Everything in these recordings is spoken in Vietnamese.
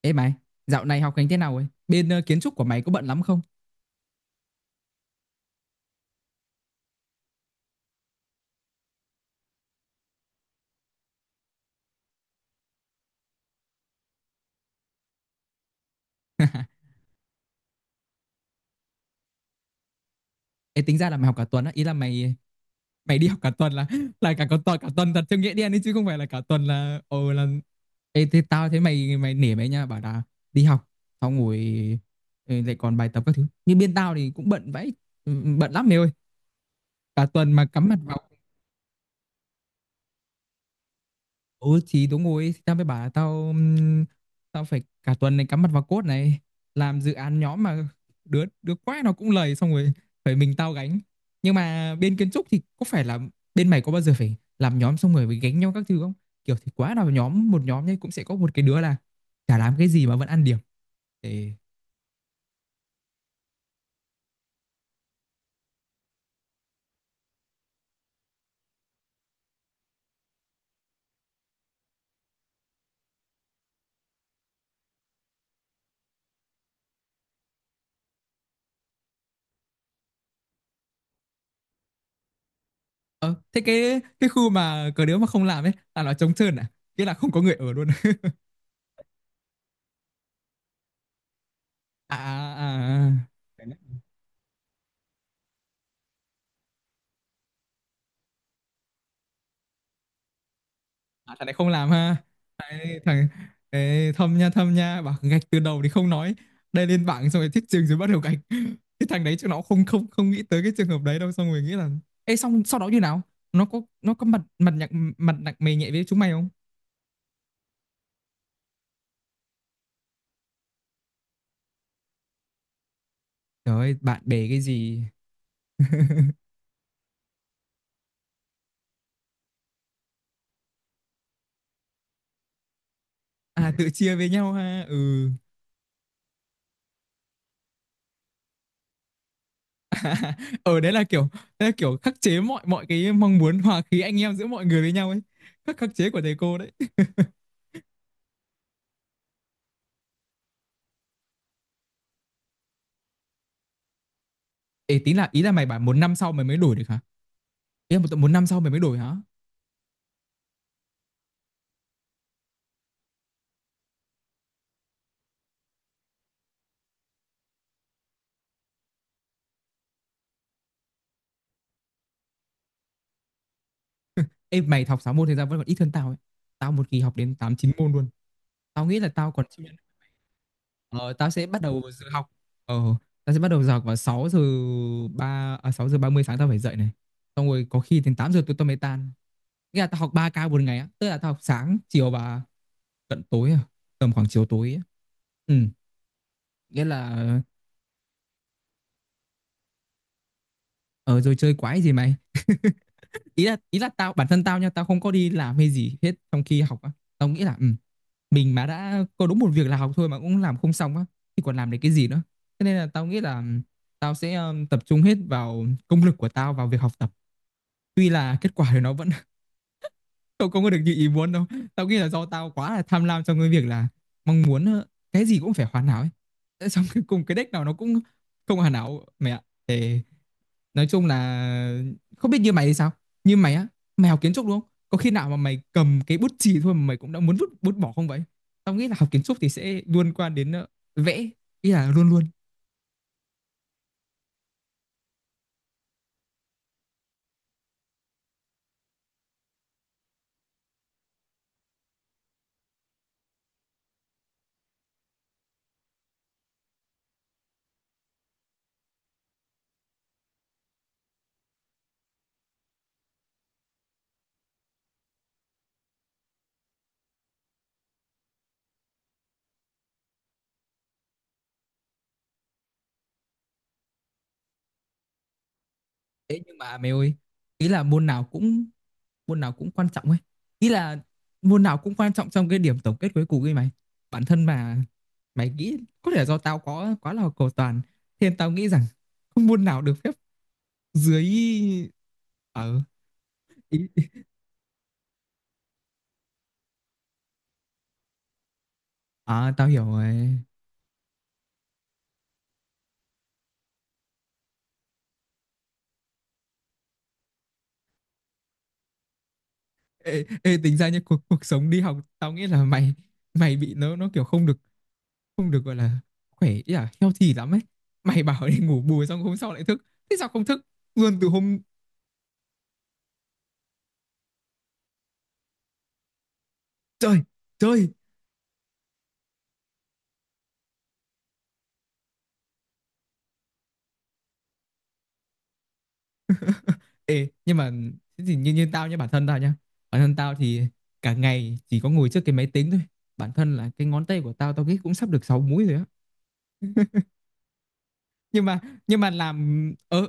Ê mày, dạo này học hành thế nào ấy? Bên kiến trúc của mày có bận lắm không? Ê tính ra là mày học cả tuần á, ý là mày mày đi học cả tuần là là cả cả tuần thật theo nghĩa đen ấy chứ không phải là cả tuần là ồ là. Ê thế tao thấy mày mày nể mày nha, bảo là đi học xong ngồi lại còn bài tập các thứ. Như bên tao thì cũng bận vãi, ừ, bận lắm mày ơi. Cả tuần mà cắm mặt vào. Ừ thì đúng rồi. Thì tao mới bảo là tao tao phải cả tuần này cắm mặt vào code này. Làm dự án nhóm mà Đứa đứa quái nó cũng lầy, xong rồi phải mình tao gánh. Nhưng mà bên kiến trúc thì có phải là bên mày có bao giờ phải làm nhóm xong rồi phải gánh nhau các thứ không? Kiểu thì quá nào nhóm, một nhóm nhé cũng sẽ có một cái đứa là chả làm cái gì mà vẫn ăn điểm. Thế, ờ, thế cái khu mà có đứa mà không làm ấy là nó trống trơn à? Nghĩa là không có người ở luôn. À, à, à. À. À, thằng này không làm ha? Thằng. Ê, thâm nha, thâm nha, bảo gạch từ đầu thì không nói, đây lên bảng xong rồi thích trường rồi bắt đầu gạch. Cái thằng đấy chắc nó không không không nghĩ tới cái trường hợp đấy đâu, xong rồi nghĩ là. Ê, xong sau đó như nào? Nó có mặt mặt nhạc mặt nặng mày nhẹ với chúng mày không? Trời ơi bạn bè cái gì. À tự chia với nhau ha. Ừ. ở đấy là kiểu Đấy là kiểu khắc chế mọi mọi cái mong muốn hòa khí anh em giữa mọi người với nhau ấy. Khắc khắc chế của thầy cô đấy. Ê, tí là ý là mày bảo một năm sau mày mới đổi được hả? Ý là một năm sau mày mới đổi hả? Ê, mày học 6 môn thì ra vẫn còn ít hơn tao ấy. Tao một kỳ học đến 8 9 môn luôn. Tao nghĩ là tao còn chịu nhận. Ờ, tao sẽ bắt đầu giờ học. Ờ, tao sẽ bắt đầu giờ học vào 6 giờ 3, à, 6 giờ ba mươi sáng tao phải dậy này. Xong rồi có khi đến 8 giờ tụi tao mới tan. Nghĩa là tao học 3 ca một ngày á, tức là tao học sáng, chiều và cận tối tầm khoảng chiều tối ấy. Ừ, nghĩa là ờ rồi chơi quái gì mày. Ý là tao bản thân tao nha, tao không có đi làm hay gì hết trong khi học á. Tao nghĩ là ừ, mình mà đã có đúng một việc là học thôi mà cũng làm không xong á thì còn làm được cái gì nữa. Thế nên là tao nghĩ là tao sẽ tập trung hết vào công lực của tao vào việc học tập, tuy là kết quả thì nó vẫn không không có được như ý muốn đâu. Tao nghĩ là do tao quá là tham lam trong cái việc là mong muốn cái gì cũng phải hoàn hảo ấy. Thế xong cuối cùng cái deck nào nó cũng không hoàn hảo mẹ ạ. Thế nói chung là không biết như mày thì sao. Như mày á, mày học kiến trúc đúng không, có khi nào mà mày cầm cái bút chì thôi mà mày cũng đã muốn vứt bút bỏ không vậy? Tao nghĩ là học kiến trúc thì sẽ liên quan đến vẽ, ý là luôn luôn. Thế nhưng mà mày ơi, ý là môn nào cũng quan trọng ấy. Ý là môn nào cũng quan trọng trong cái điểm tổng kết cuối cùng ấy mày. Bản thân mà mày nghĩ, có thể là do tao có quá là cầu toàn, thế nên tao nghĩ rằng không môn nào được phép dưới. Ờ ý À, tao hiểu rồi. Ê, ê, tính ra như cuộc cuộc sống đi học tao nghĩ là mày mày bị nó kiểu không được, không được gọi là khỏe, ý là healthy lắm ấy. Mày bảo đi ngủ bù xong hôm sau lại thức, thế sao không thức luôn từ hôm. Trời trời. Ê nhưng mà thế thì như như tao nhá, bản thân tao nhá, bản thân tao thì cả ngày chỉ có ngồi trước cái máy tính thôi. Bản thân là cái ngón tay của tao, tao nghĩ cũng sắp được 6 múi rồi á. Nhưng mà làm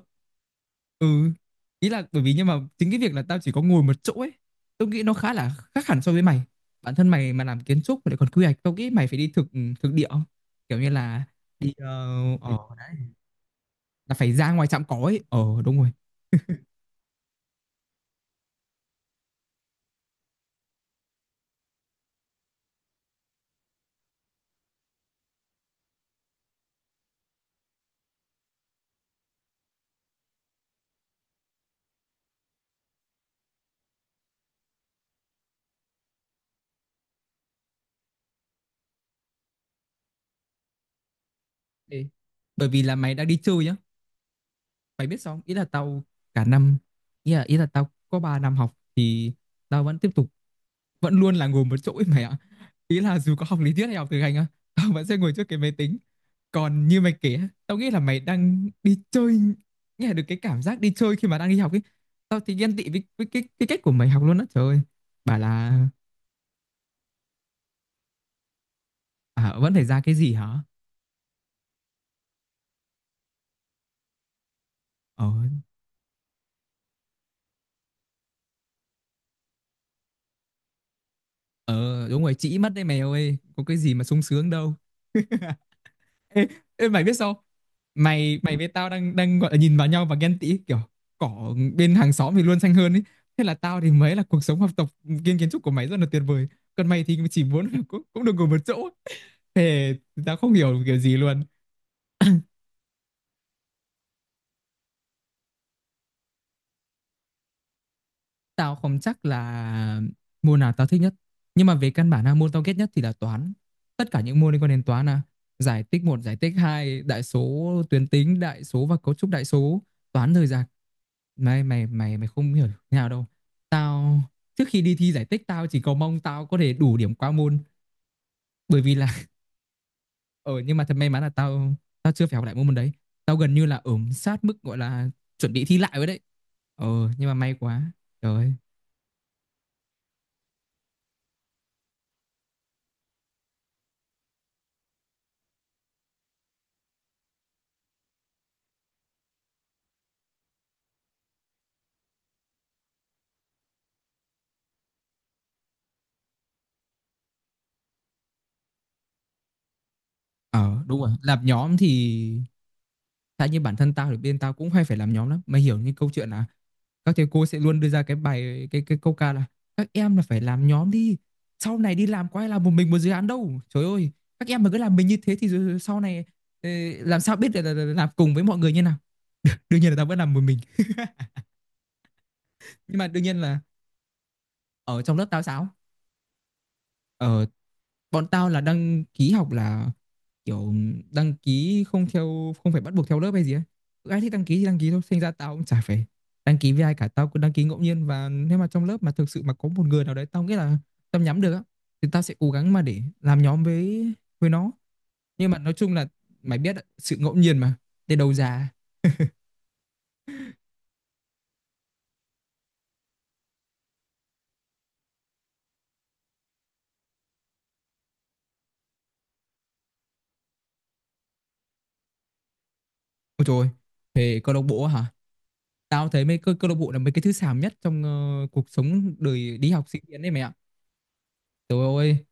ừ. Ý là bởi vì nhưng mà chính cái việc là tao chỉ có ngồi một chỗ ấy, tôi nghĩ nó khá là khác hẳn so với mày. Bản thân mày mà làm kiến trúc mà lại còn quy hoạch, tao nghĩ mày phải đi thực thực địa không? Kiểu như là đi ờ, là phải ra ngoài trạm cỏ ấy. Ờ Đúng rồi. Ê, bởi vì là mày đang đi chơi nhá. Mày biết sao không? Ý là tao cả năm, ý là tao có 3 năm học thì tao vẫn tiếp tục, vẫn luôn là ngồi một chỗ ấy mày ạ. Ý là dù có học lý thuyết hay học thực hành á, tao vẫn sẽ ngồi trước cái máy tính. Còn như mày kể á, tao nghĩ là mày đang đi chơi, nghe được cái cảm giác đi chơi khi mà đang đi học ấy. Tao thì ghen tị với, cái cách của mày học luôn á, trời ơi. Bảo là à, vẫn phải ra cái gì hả? Ờ. ờ Đúng rồi, chỉ mất đấy mày ơi, có cái gì mà sung sướng đâu. Ê, ê mày biết sao không? Mày mày với tao đang đang gọi là nhìn vào nhau và ghen tị kiểu cỏ bên hàng xóm thì luôn xanh hơn ấy. Thế là tao thì mới là cuộc sống học tập kiến trúc của mày rất là tuyệt vời. Còn mày thì chỉ muốn là cũng được ngồi một chỗ. Thế tao không hiểu kiểu gì luôn. Tao không chắc là môn nào tao thích nhất. Nhưng mà về căn bản là môn tao ghét nhất thì là toán. Tất cả những môn liên quan đến toán là giải tích một, giải tích hai, đại số tuyến tính, đại số và cấu trúc đại số, toán rời rạc. Mày mày mày mày không hiểu thế nào đâu. Tao trước khi đi thi giải tích, tao chỉ cầu mong tao có thể đủ điểm qua môn, bởi vì là ờ ừ, nhưng mà thật may mắn là tao tao chưa phải học lại môn môn đấy. Tao gần như là ở sát mức gọi là chuẩn bị thi lại rồi đấy. Ờ nhưng mà may quá. Trời ơi. Ờ đúng rồi, làm nhóm thì. Tại như bản thân tao thì bên tao cũng hay phải làm nhóm lắm. Mày hiểu như câu chuyện là các thầy cô sẽ luôn đưa ra cái bài cái câu ca là các em là phải làm nhóm đi. Sau này đi làm có ai làm một mình một dự án đâu. Trời ơi, các em mà cứ làm mình như thế thì rồi sau này ờ, làm sao biết là, làm cùng với mọi người như nào. Đương nhiên là tao vẫn làm một mình. Nhưng mà đương nhiên là ở trong lớp tao sao? ở Bọn tao là đăng ký học là kiểu đăng ký không theo, không phải bắt buộc theo lớp hay gì ấy, cứ ai thích đăng ký thì đăng ký thôi, thành ra tao cũng chả phải đăng ký với ai cả, tao cứ đăng ký ngẫu nhiên, và nếu mà trong lớp mà thực sự mà có một người nào đấy tao nghĩ là tao nhắm được á, thì tao sẽ cố gắng mà để làm nhóm với nó. Nhưng mà nói chung là mày biết đấy, sự ngẫu nhiên mà để đầu ra. Ôi trời ơi, về câu lạc bộ hả? Tao thấy mấy câu câu lạc bộ là mấy cái thứ xàm nhất trong cuộc sống đời đi học sinh viên đấy mày ạ. Trời ơi,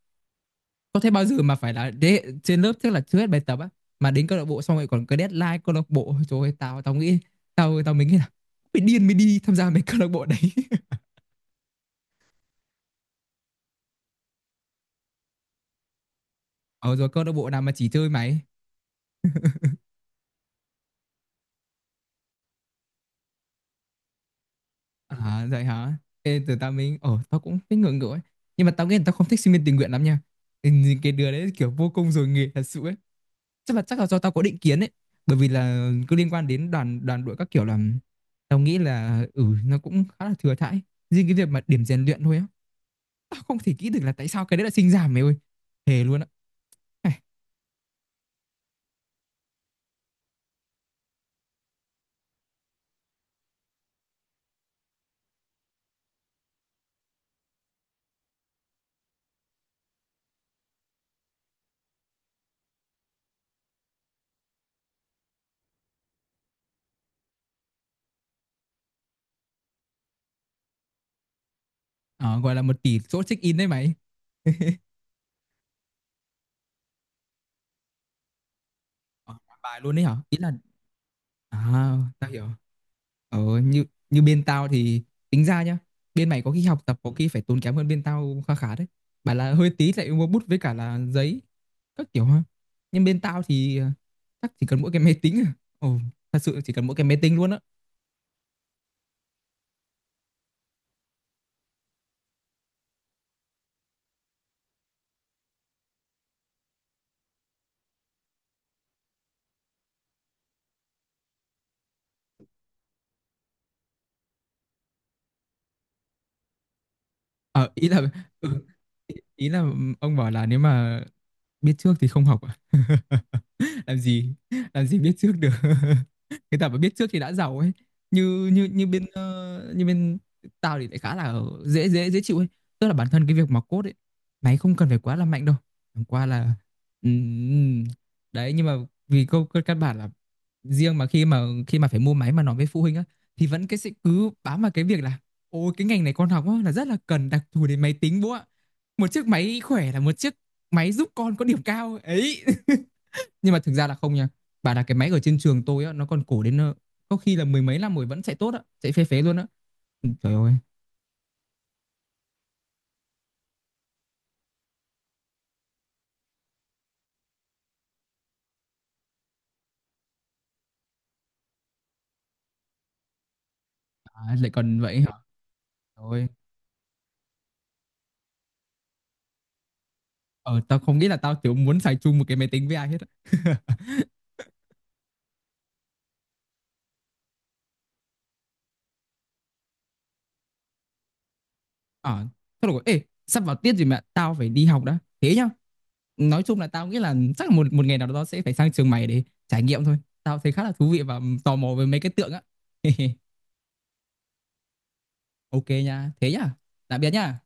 có thế bao giờ mà phải là đế, trên lớp trước là chưa hết bài tập á, mà đến câu lạc bộ xong rồi còn cái deadline câu lạc bộ. Ôi trời ơi, tao tao nghĩ, tao tao mới nghĩ là mày điên mới đi tham gia mấy câu lạc bộ đấy. Ờ rồi câu lạc bộ nào mà chỉ chơi máy? À vậy hả? Thế từ tao mình tao cũng thấy ngưỡng ngưỡng ấy. Nhưng mà tao nghĩ là tao không thích sinh viên tình nguyện lắm nha. Ừ, cái đứa đấy kiểu vô công rồi nghề thật sự ấy. Chắc là do tao có định kiến ấy, bởi vì là cứ liên quan đến đoàn đoàn đội các kiểu là tao nghĩ là ừ nó cũng khá là thừa thãi. Riêng cái việc mà điểm rèn luyện thôi á, tao không thể nghĩ được là tại sao cái đấy là sinh giảm mày ơi. Thề luôn á. Ờ, gọi là một tỷ số check in đấy mày. Ờ, bài luôn đấy hả? Ý là à, tao hiểu. Ờ như như bên tao thì tính ra nhá. Bên mày có khi học tập có khi phải tốn kém hơn bên tao khá khá đấy. Bảo là hơi tí lại mua bút với cả là giấy các kiểu ha. Nhưng bên tao thì chắc chỉ cần mỗi cái máy tính à. Ồ, thật sự chỉ cần mỗi cái máy tính luôn á. Ờ, ý là ừ, ý ý là ông bảo là nếu mà biết trước thì không học à? Làm gì? Làm gì biết trước được. Người ta mà biết trước thì đã giàu ấy. Như như như bên ờ, như bên tao thì lại khá là dễ dễ dễ chịu ấy. Tức là bản thân cái việc mà code ấy, mày không cần phải quá là mạnh đâu. Chẳng qua là ừm, đấy, nhưng mà vì câu cơ căn bản là, riêng mà khi mà phải mua máy mà nói với phụ huynh á, thì vẫn cái sẽ cứ bám vào cái việc là ôi cái ngành này con học á, là rất là cần đặc thù đến máy tính bố ạ. Một chiếc máy khỏe là một chiếc máy giúp con có điểm cao ấy. Nhưng mà thực ra là không nha. Bảo là cái máy ở trên trường tôi á, nó còn cổ đến có khi là mười mấy năm rồi vẫn chạy tốt á, chạy phế luôn á. Ừ, trời ơi, à, lại còn vậy hả? Trời ơi. Ờ, tao không nghĩ là tao kiểu muốn xài chung một cái máy tính với ai hết á. ờ Thôi được rồi, ê, sắp vào tiết rồi mẹ, tao phải đi học đã, thế nhá. Nói chung là tao nghĩ là chắc là một một ngày nào đó tao sẽ phải sang trường mày để trải nghiệm thôi, tao thấy khá là thú vị và tò mò về mấy cái tượng á. Ok nha, thế nhá, tạm biệt nhá.